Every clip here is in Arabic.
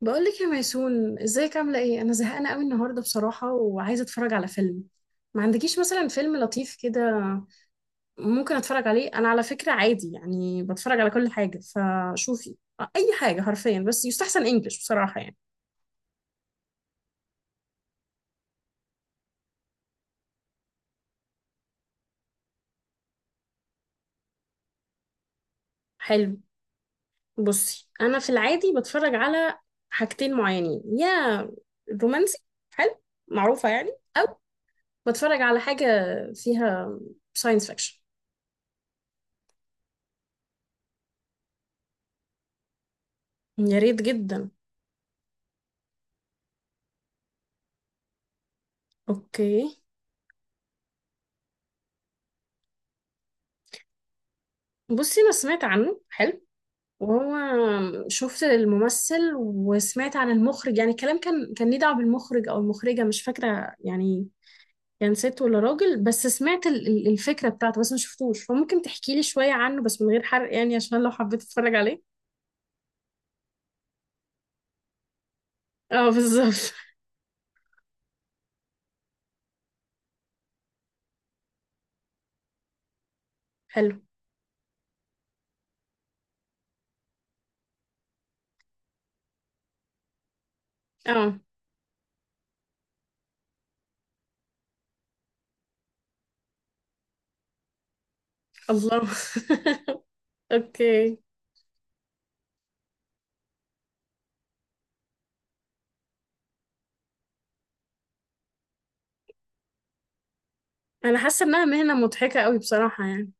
بقولك يا ميسون، ازيك؟ عاملة ايه؟ انا زهقانة قوي النهاردة بصراحة، وعايزة اتفرج على فيلم. ما عندكيش مثلا فيلم لطيف كده ممكن اتفرج عليه؟ انا على فكرة عادي، يعني بتفرج على كل حاجة فشوفي. اي حاجة حرفيا، بس يستحسن انجلش بصراحة يعني. حلو. بصي انا في العادي بتفرج على حاجتين معينين، يا رومانسي حلو معروفة يعني، او بتفرج على حاجة فيها ساينس فيكشن. يا ريت جدا. اوكي. بصي انا سمعت عنه، حلو، وهو شفت الممثل وسمعت عن المخرج، يعني الكلام كان ليه دعوة بالمخرج او المخرجة، مش فاكرة يعني كان ست ولا راجل، بس سمعت الفكرة بتاعته، بس ما شفتوش. فممكن تحكي لي شوية عنه بس من غير حرق يعني، عشان لو حبيت اتفرج عليه. اه بالظبط. حلو. اه. الله. اوكي. انا حاسة انها مهنة مضحكة قوي بصراحة يعني.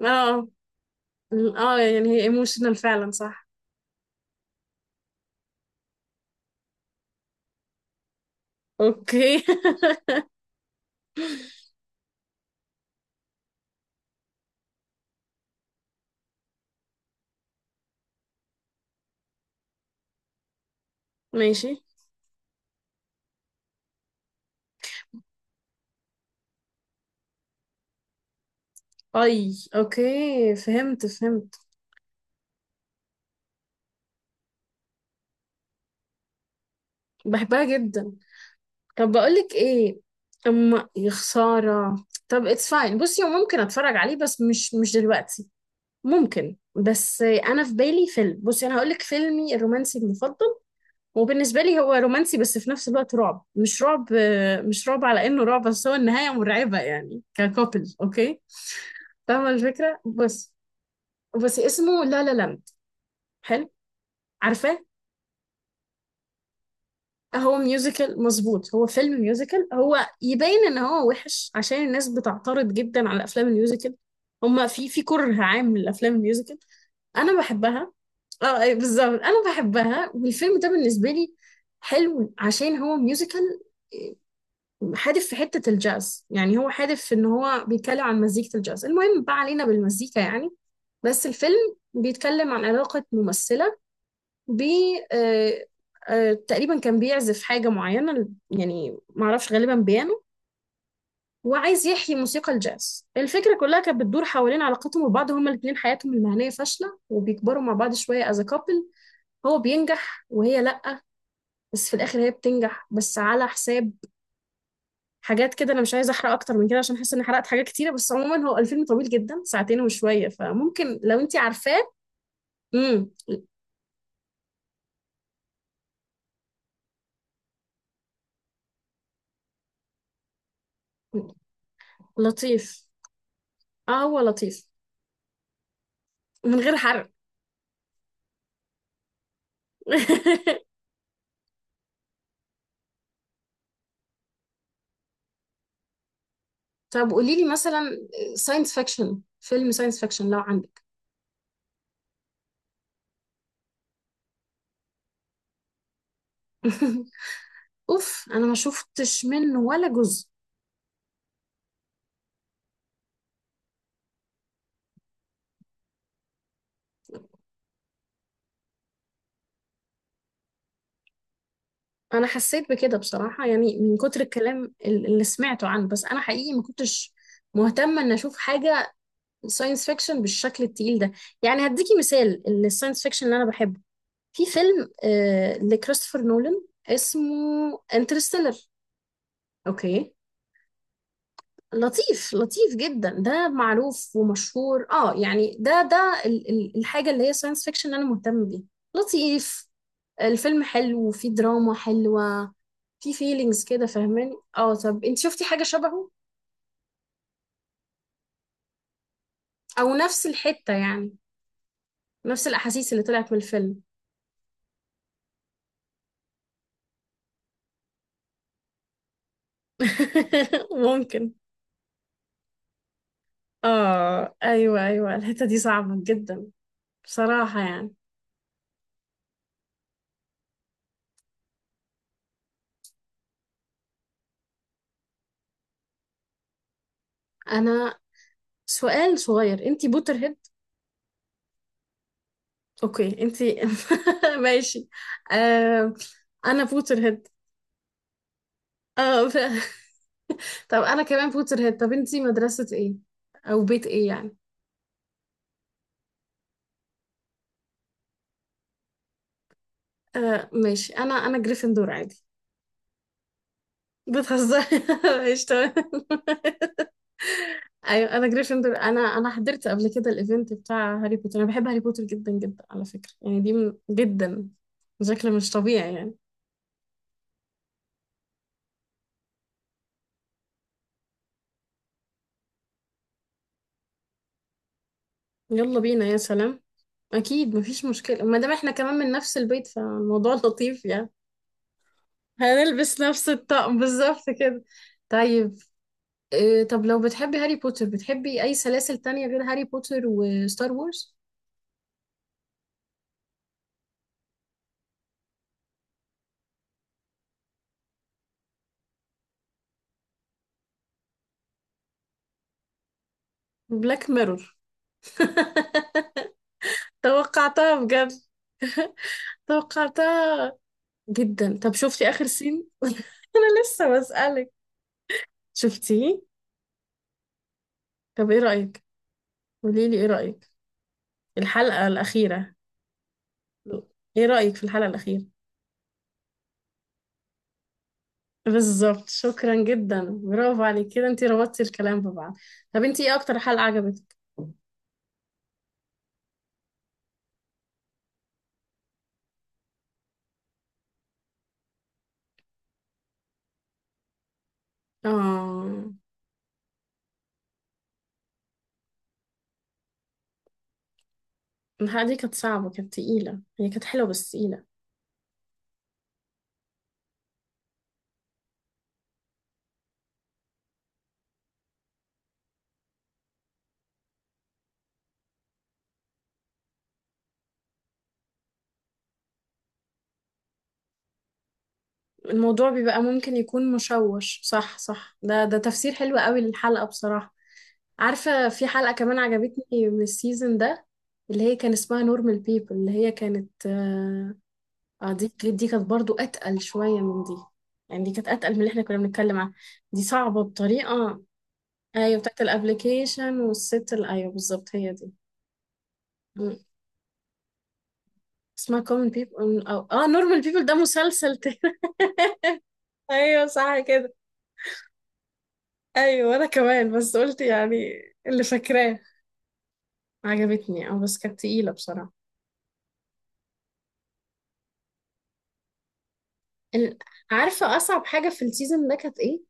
اه. اه يعني هي ايموشنال فعلا صح. اوكي. ماشي. اي اوكي، فهمت فهمت. بحبها جدا. طب بقولك ايه، اما يا خساره. طب اتس فاين، بصي هو ممكن اتفرج عليه بس مش مش دلوقتي. ممكن، بس انا في بالي فيلم. بصي انا هقولك فيلمي الرومانسي المفضل، وبالنسبه لي هو رومانسي بس في نفس الوقت رعب مش رعب، مش رعب على انه رعب بس هو النهايه مرعبه يعني ككوبل. اوكي فاهمه الفكره بس. بس اسمه لا لا لاند. حلو. عارفاه. هو ميوزيكال مظبوط، هو فيلم ميوزيكال هو. يبين ان هو وحش عشان الناس بتعترض جدا على افلام الميوزيكال. هما في كره عام للافلام الميوزيكال. انا بحبها. اه أي بالظبط، انا بحبها، والفيلم ده بالنسبه لي حلو عشان هو ميوزيكال حادف في حته الجاز، يعني هو حادف في ان هو بيتكلم عن مزيكه الجاز، المهم بقى علينا بالمزيكا يعني. بس الفيلم بيتكلم عن علاقه ممثله ب آه، تقريبا كان بيعزف حاجة معينة، يعني معرفش غالبا بيانو، وعايز يحيي موسيقى الجاز. الفكرة كلها كانت بتدور حوالين علاقتهم ببعض، هما الاتنين حياتهم المهنية فاشلة وبيكبروا مع بعض شوية as a couple. هو بينجح وهي لأ، بس في الآخر هي بتنجح بس على حساب حاجات كده. أنا مش عايزة أحرق أكتر من كده عشان حاسة إني حرقت حاجات كتيرة، بس عموما هو الفيلم طويل جدا، ساعتين وشوية، فممكن لو أنتي عارفاه. امم لطيف. اه هو لطيف، من غير حرق. طب قولي لي مثلا ساينس فيكشن، فيلم ساينس فيكشن لو عندك. اوف انا ما شفتش منه ولا جزء. انا حسيت بكده بصراحة يعني، من كتر الكلام اللي سمعته عنه، بس انا حقيقي ما كنتش مهتمة ان اشوف حاجة ساينس فيكشن بالشكل التقيل ده. يعني هديكي مثال الساينس فيكشن اللي انا بحبه. في فيلم لكريستوفر نولان اسمه انترستيلر. اوكي. لطيف لطيف جدا، ده معروف ومشهور اه يعني، ده ده الحاجة اللي هي ساينس فيكشن انا مهتم بيها. لطيف. الفيلم حلو وفيه دراما حلوة. في فيلينجز كده فاهماني اه؟ طب انت شفتي حاجة شبهه او نفس الحتة يعني، نفس الاحاسيس اللي طلعت من الفيلم؟ ممكن. اه ايوه ايوه الحتة دي صعبة جدا، بصراحة يعني. انا سؤال صغير، انت بوتر هيد؟ اوكي انتي ماشي. آه انا بوتر هيد. آه ف... طب انا كمان بوتر هيد، طب انتي مدرسة ايه او بيت ايه يعني؟ آه ماشي، انا انا جريفندور عادي. بتهزري. ماشي تمام. ايوه انا جريفندور. انا انا حضرت قبل كده الايفنت بتاع هاري بوتر، انا بحب هاري بوتر جدا جدا على فكرة يعني، دي من... جدا بشكل مش طبيعي يعني. يلا بينا، يا سلام. اكيد مفيش مشكلة ما دام احنا كمان من نفس البيت، فالموضوع لطيف يعني. هنلبس نفس الطقم بالظبط كده. طيب. طب لو بتحبي هاري بوتر بتحبي أي سلاسل تانية غير هاري بوتر وستار وورز؟ بلاك ميرور. توقعتها بجد. توقعتها جدا. طب شفتي آخر سين؟ أنا لسه بسألك. شفتيه؟ طب إيه رأيك؟ قوليلي إيه رأيك؟ الحلقة الأخيرة، إيه رأيك في الحلقة الأخيرة؟ بالظبط، شكرا جدا، برافو عليك كده انتي ربطتي الكلام ببعض. طب انتي ايه اكتر حلقة عجبتك؟ اه الحلقة دي كانت صعبة، كانت تقيلة، هي كانت حلوة بس تقيلة. الموضوع بيبقى ممكن يكون مشوش، صح صح، ده ده تفسير حلو قوي للحلقة بصراحة. عارفة في حلقة كمان عجبتني من السيزون ده، اللي هي كان اسمها نورمال بيبل، اللي هي كانت اه، دي دي كانت برضو أتقل شوية من دي، يعني دي كانت أتقل من اللي احنا كنا بنتكلم عنها. دي صعبة بطريقة. ايوه بتاعت الابليكيشن والست ايوه بالظبط، هي دي. اسمها common people، أو اه normal people، ده مسلسل تاني. ايوه صح كده. ايوه انا كمان بس قلت يعني اللي فاكراه. عجبتني اه، بس كانت تقيله بصراحه. ال- عارفه اصعب حاجه في السيزون ده كانت ايه؟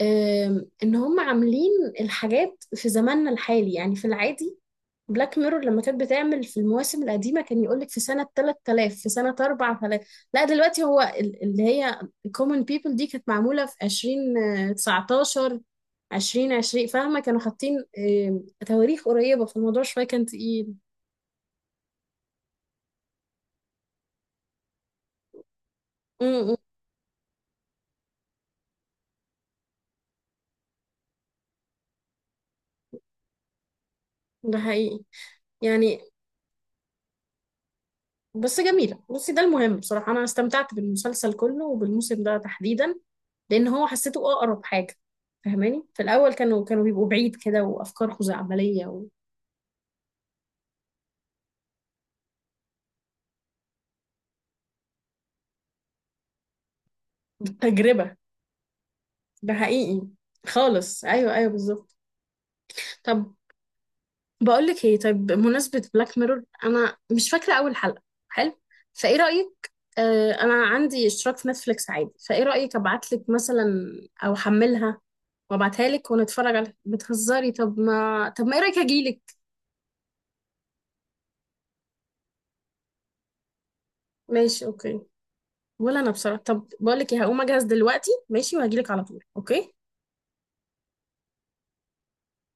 ان هم عاملين الحاجات في زماننا الحالي يعني في العادي. بلاك ميرور لما كانت بتعمل في المواسم القديمة كان يقولك في سنة 3000، في سنة 4000. لا دلوقتي هو اللي هي common people دي كانت معمولة في 2019، 2020، فاهمة؟ كانوا حاطين تواريخ قريبة، فالموضوع شوية كان تقيل. م- م، ده حقيقي يعني. بس جميلة. بصي ده المهم، بصراحة أنا استمتعت بالمسلسل كله وبالموسم ده تحديدا، لأن هو حسيته أقرب حاجة فاهماني. في الأول كانوا بيبقوا بعيد كده وأفكار خزعبلية وتجربة. ده حقيقي خالص، ايوه ايوه بالظبط. طب بقول لك ايه، طيب بمناسبه بلاك ميرور انا مش فاكره اول حلقه. حلو. فايه رايك؟ آه انا عندي اشتراك في نتفليكس عادي، فايه رايك ابعت لك مثلا او احملها وابعتها لك ونتفرج عليها؟ بتهزري؟ طب ما طب ما ايه رايك اجيلك؟ ماشي اوكي. ولا انا بصراحه. طب بقول لك ايه، هقوم اجهز دلوقتي ماشي، وهجيلك على طول. اوكي.